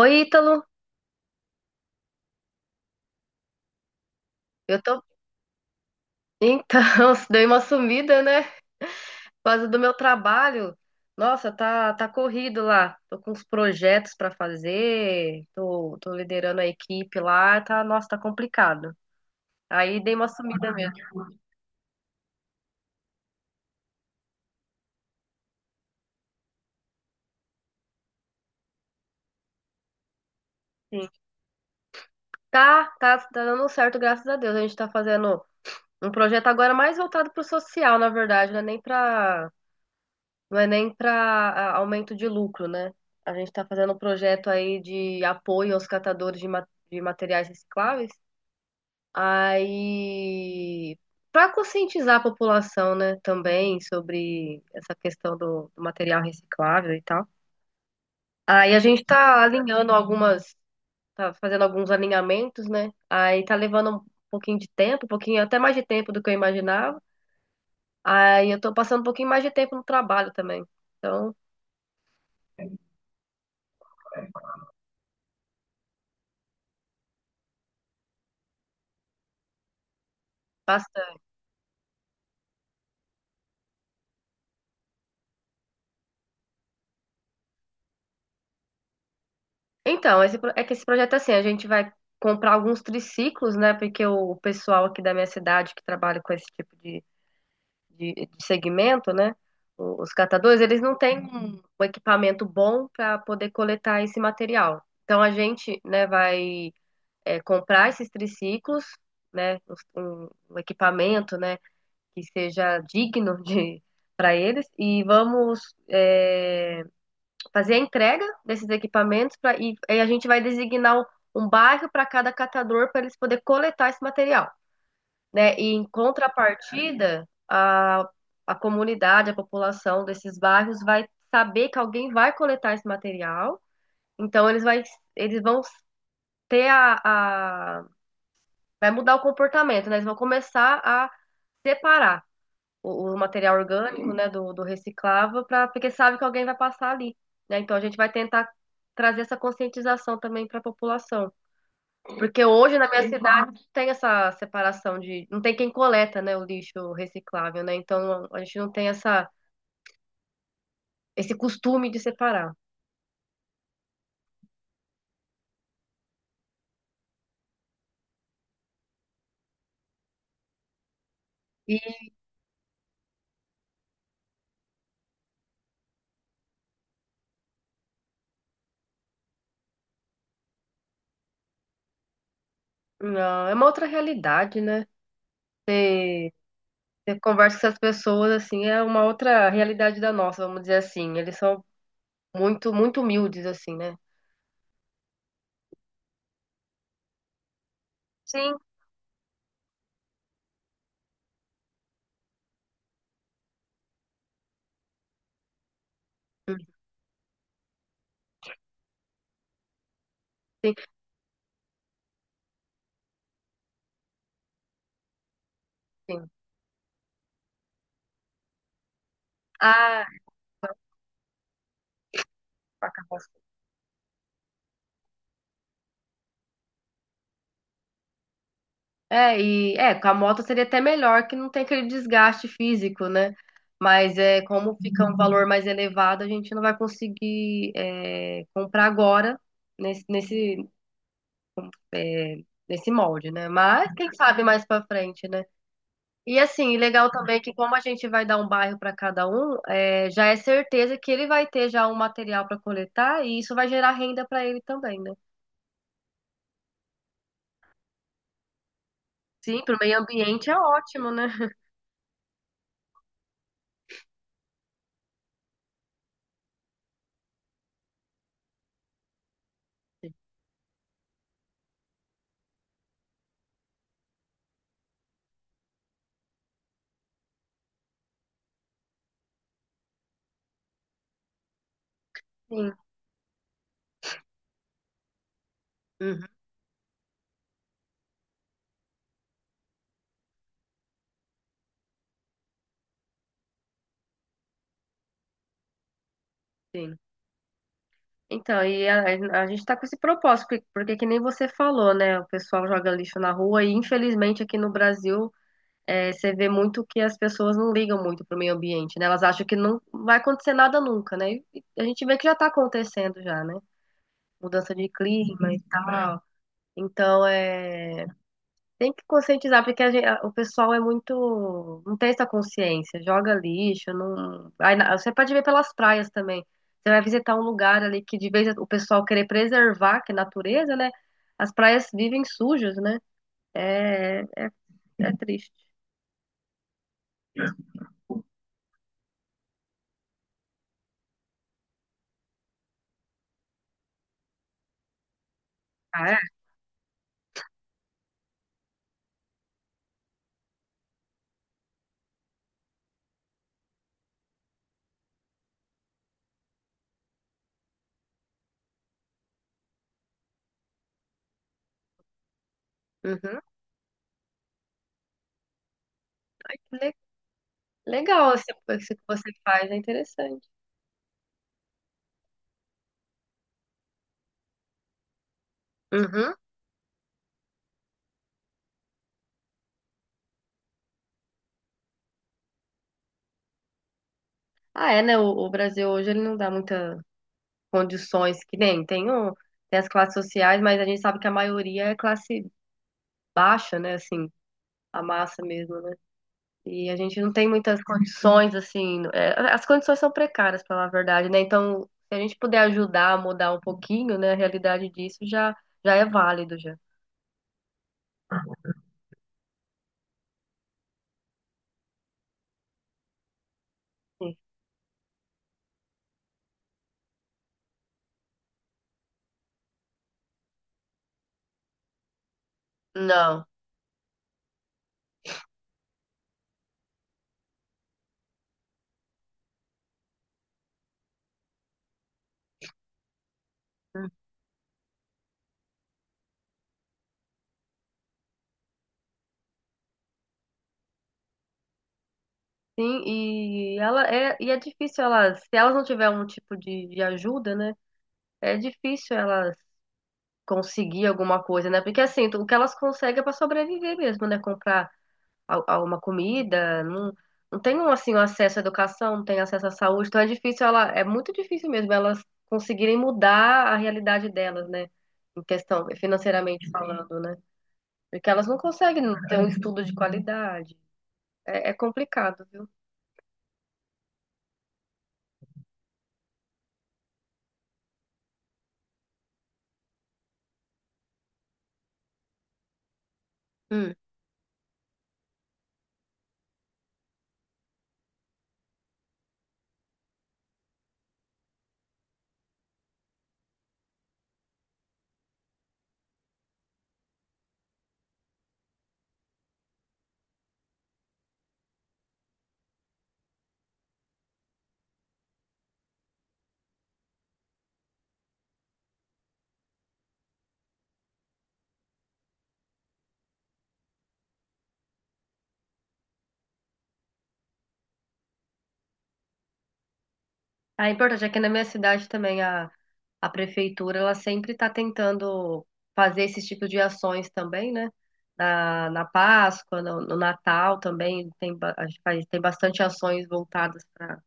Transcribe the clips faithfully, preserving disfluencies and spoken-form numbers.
Oi, Ítalo. Eu tô. Então, dei uma sumida, né? Por causa do meu trabalho. Nossa, tá, tá corrido lá. Tô com uns projetos pra fazer. Tô, tô liderando a equipe lá. Tá, nossa, tá complicado. Aí dei uma sumida mesmo. Sim. Tá, tá, tá dando certo, graças a Deus. A gente tá fazendo um projeto agora mais voltado pro social, na verdade, né? Nem pra Não é nem para aumento de lucro, né? A gente está fazendo um projeto aí de apoio aos catadores de, ma- de materiais recicláveis. Aí, para conscientizar a população, né, também sobre essa questão do, do material reciclável e tal. Aí a gente está alinhando algumas, tá fazendo alguns alinhamentos, né? Aí tá levando um pouquinho de tempo, um pouquinho até mais de tempo do que eu imaginava. Aí eu tô passando um pouquinho mais de tempo no trabalho também. Então, Então, esse, pro- é que esse projeto é assim, a gente vai comprar alguns triciclos, né? Porque o pessoal aqui da minha cidade que trabalha com esse tipo de, de, de segmento, né? o- Os catadores, eles não têm um, um equipamento bom para poder coletar esse material. Então, a gente, né, vai é, comprar esses triciclos, né? os- Um, um equipamento, né? Que seja digno de para eles e vamos é, fazer a entrega desses equipamentos pra, e, e a gente vai designar um, um bairro para cada catador para eles poderem coletar esse material, né? E em contrapartida, a, a comunidade, a população desses bairros vai saber que alguém vai coletar esse material, então eles, vai, eles vão ter a, a- Vai mudar o comportamento, né? Eles vão começar a separar o, o material orgânico, né, do, do reciclável, pra, porque sabe que alguém vai passar ali, né? Então a gente vai tentar trazer essa conscientização também para a população, porque hoje na minha cidade não tem essa separação de, não tem quem coleta, né, o lixo reciclável, né? Então a gente não tem essa esse costume de separar. E não é uma outra realidade, né? Você, você conversa com essas pessoas assim, é uma outra realidade da nossa, vamos dizer assim. Eles são muito muito humildes assim, né? Sim, sim, sim. Ah, com a carroça. É, e é, com a moto seria até melhor que não tem aquele desgaste físico, né? Mas é como fica um valor mais elevado, a gente não vai conseguir é, comprar agora nesse, nesse, é, nesse molde, né? Mas quem sabe mais pra frente, né? E assim, legal também que como a gente vai dar um bairro pra cada um, é, já é certeza que ele vai ter já um material pra coletar e isso vai gerar renda pra ele também, né? Sim, pro meio ambiente é ótimo, né? Sim. Uhum, sim. Então, e a, a gente tá com esse propósito, porque, porque que nem você falou, né? O pessoal joga lixo na rua e infelizmente aqui no Brasil é, você vê muito que as pessoas não ligam muito pro meio ambiente, né? Elas acham que não vai acontecer nada nunca, né? E a gente vê que já tá acontecendo já, né? Mudança de clima e tal. Então, é tem que conscientizar, porque a gen- a- o pessoal é muito. Não tem essa consciência, joga lixo, não. Aí na- você pode ver pelas praias também. Você vai visitar um lugar ali que de vez o pessoal querer preservar, que é natureza, né? As praias vivem sujas, né? É é triste. Ah, é? Uhum. Ai, que le- legal esse- isso que você faz, é interessante. Uhum. Ah, é, né? O, o Brasil hoje ele não dá muitas condições que nem tem, o, tem as classes sociais, mas a gente sabe que a maioria é classe baixa, né? Assim, a massa mesmo, né? E a gente não tem muitas condições, assim, é, as condições são precárias, para falar a verdade, né? Então, se a gente puder ajudar a mudar um pouquinho, né, a realidade disso já, já é válido, já. Sim. Não. Sim, e ela é, e é difícil elas, se elas não tiverem um tipo de, de ajuda, né? É difícil elas conseguir alguma coisa, né? Porque assim, o que elas conseguem é para sobreviver mesmo, né? Comprar a, a uma comida, não, não tem um, assim, um acesso à educação, não tem acesso à saúde, então é difícil ela, é muito difícil mesmo elas conseguirem mudar a realidade delas, né? Em questão, financeiramente falando, né? Porque elas não conseguem ter um estudo de qualidade. É, é complicado, viu? Hum. Ah, é importante, é que na minha cidade também a, a prefeitura, ela sempre está tentando fazer esse tipo de ações também, né? Na, na Páscoa, no, no Natal também, tem, ba- a gente faz, tem bastante ações voltadas para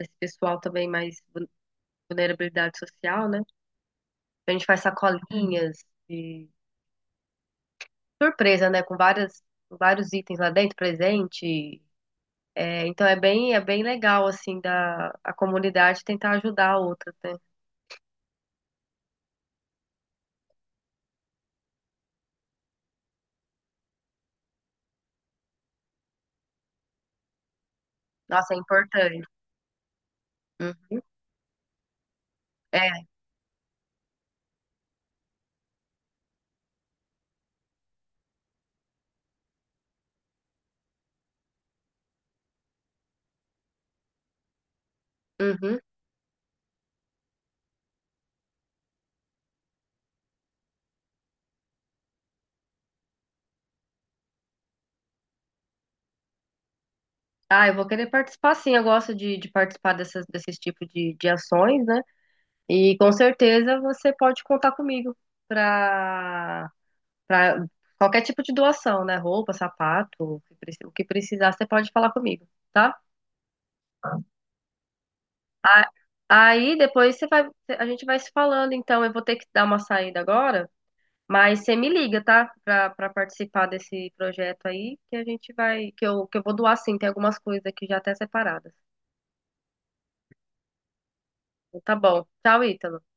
esse pessoal também mais vul- vulnerabilidade social, né? A gente faz sacolinhas de surpresa, né? Com várias, com vários itens lá dentro, presente. É, então é bem, é bem legal, assim, da, a comunidade tentar ajudar a outra, né? Nossa, é importante. Uhum. É, uhum. Ah, eu vou querer participar sim, eu gosto de, de participar dessas, desses tipos de, de ações, né? E com certeza você pode contar comigo para para qualquer tipo de doação, né? Roupa, sapato, o que preci- o que precisar, você pode falar comigo, tá? A- Aí depois você vai, a gente vai se falando, então eu vou ter que dar uma saída agora, mas você me liga, tá? Para para participar desse projeto aí, que a gente vai, que eu, que eu vou doar sim, tem algumas coisas aqui já até separadas. Tá bom. Tchau, Ítalo.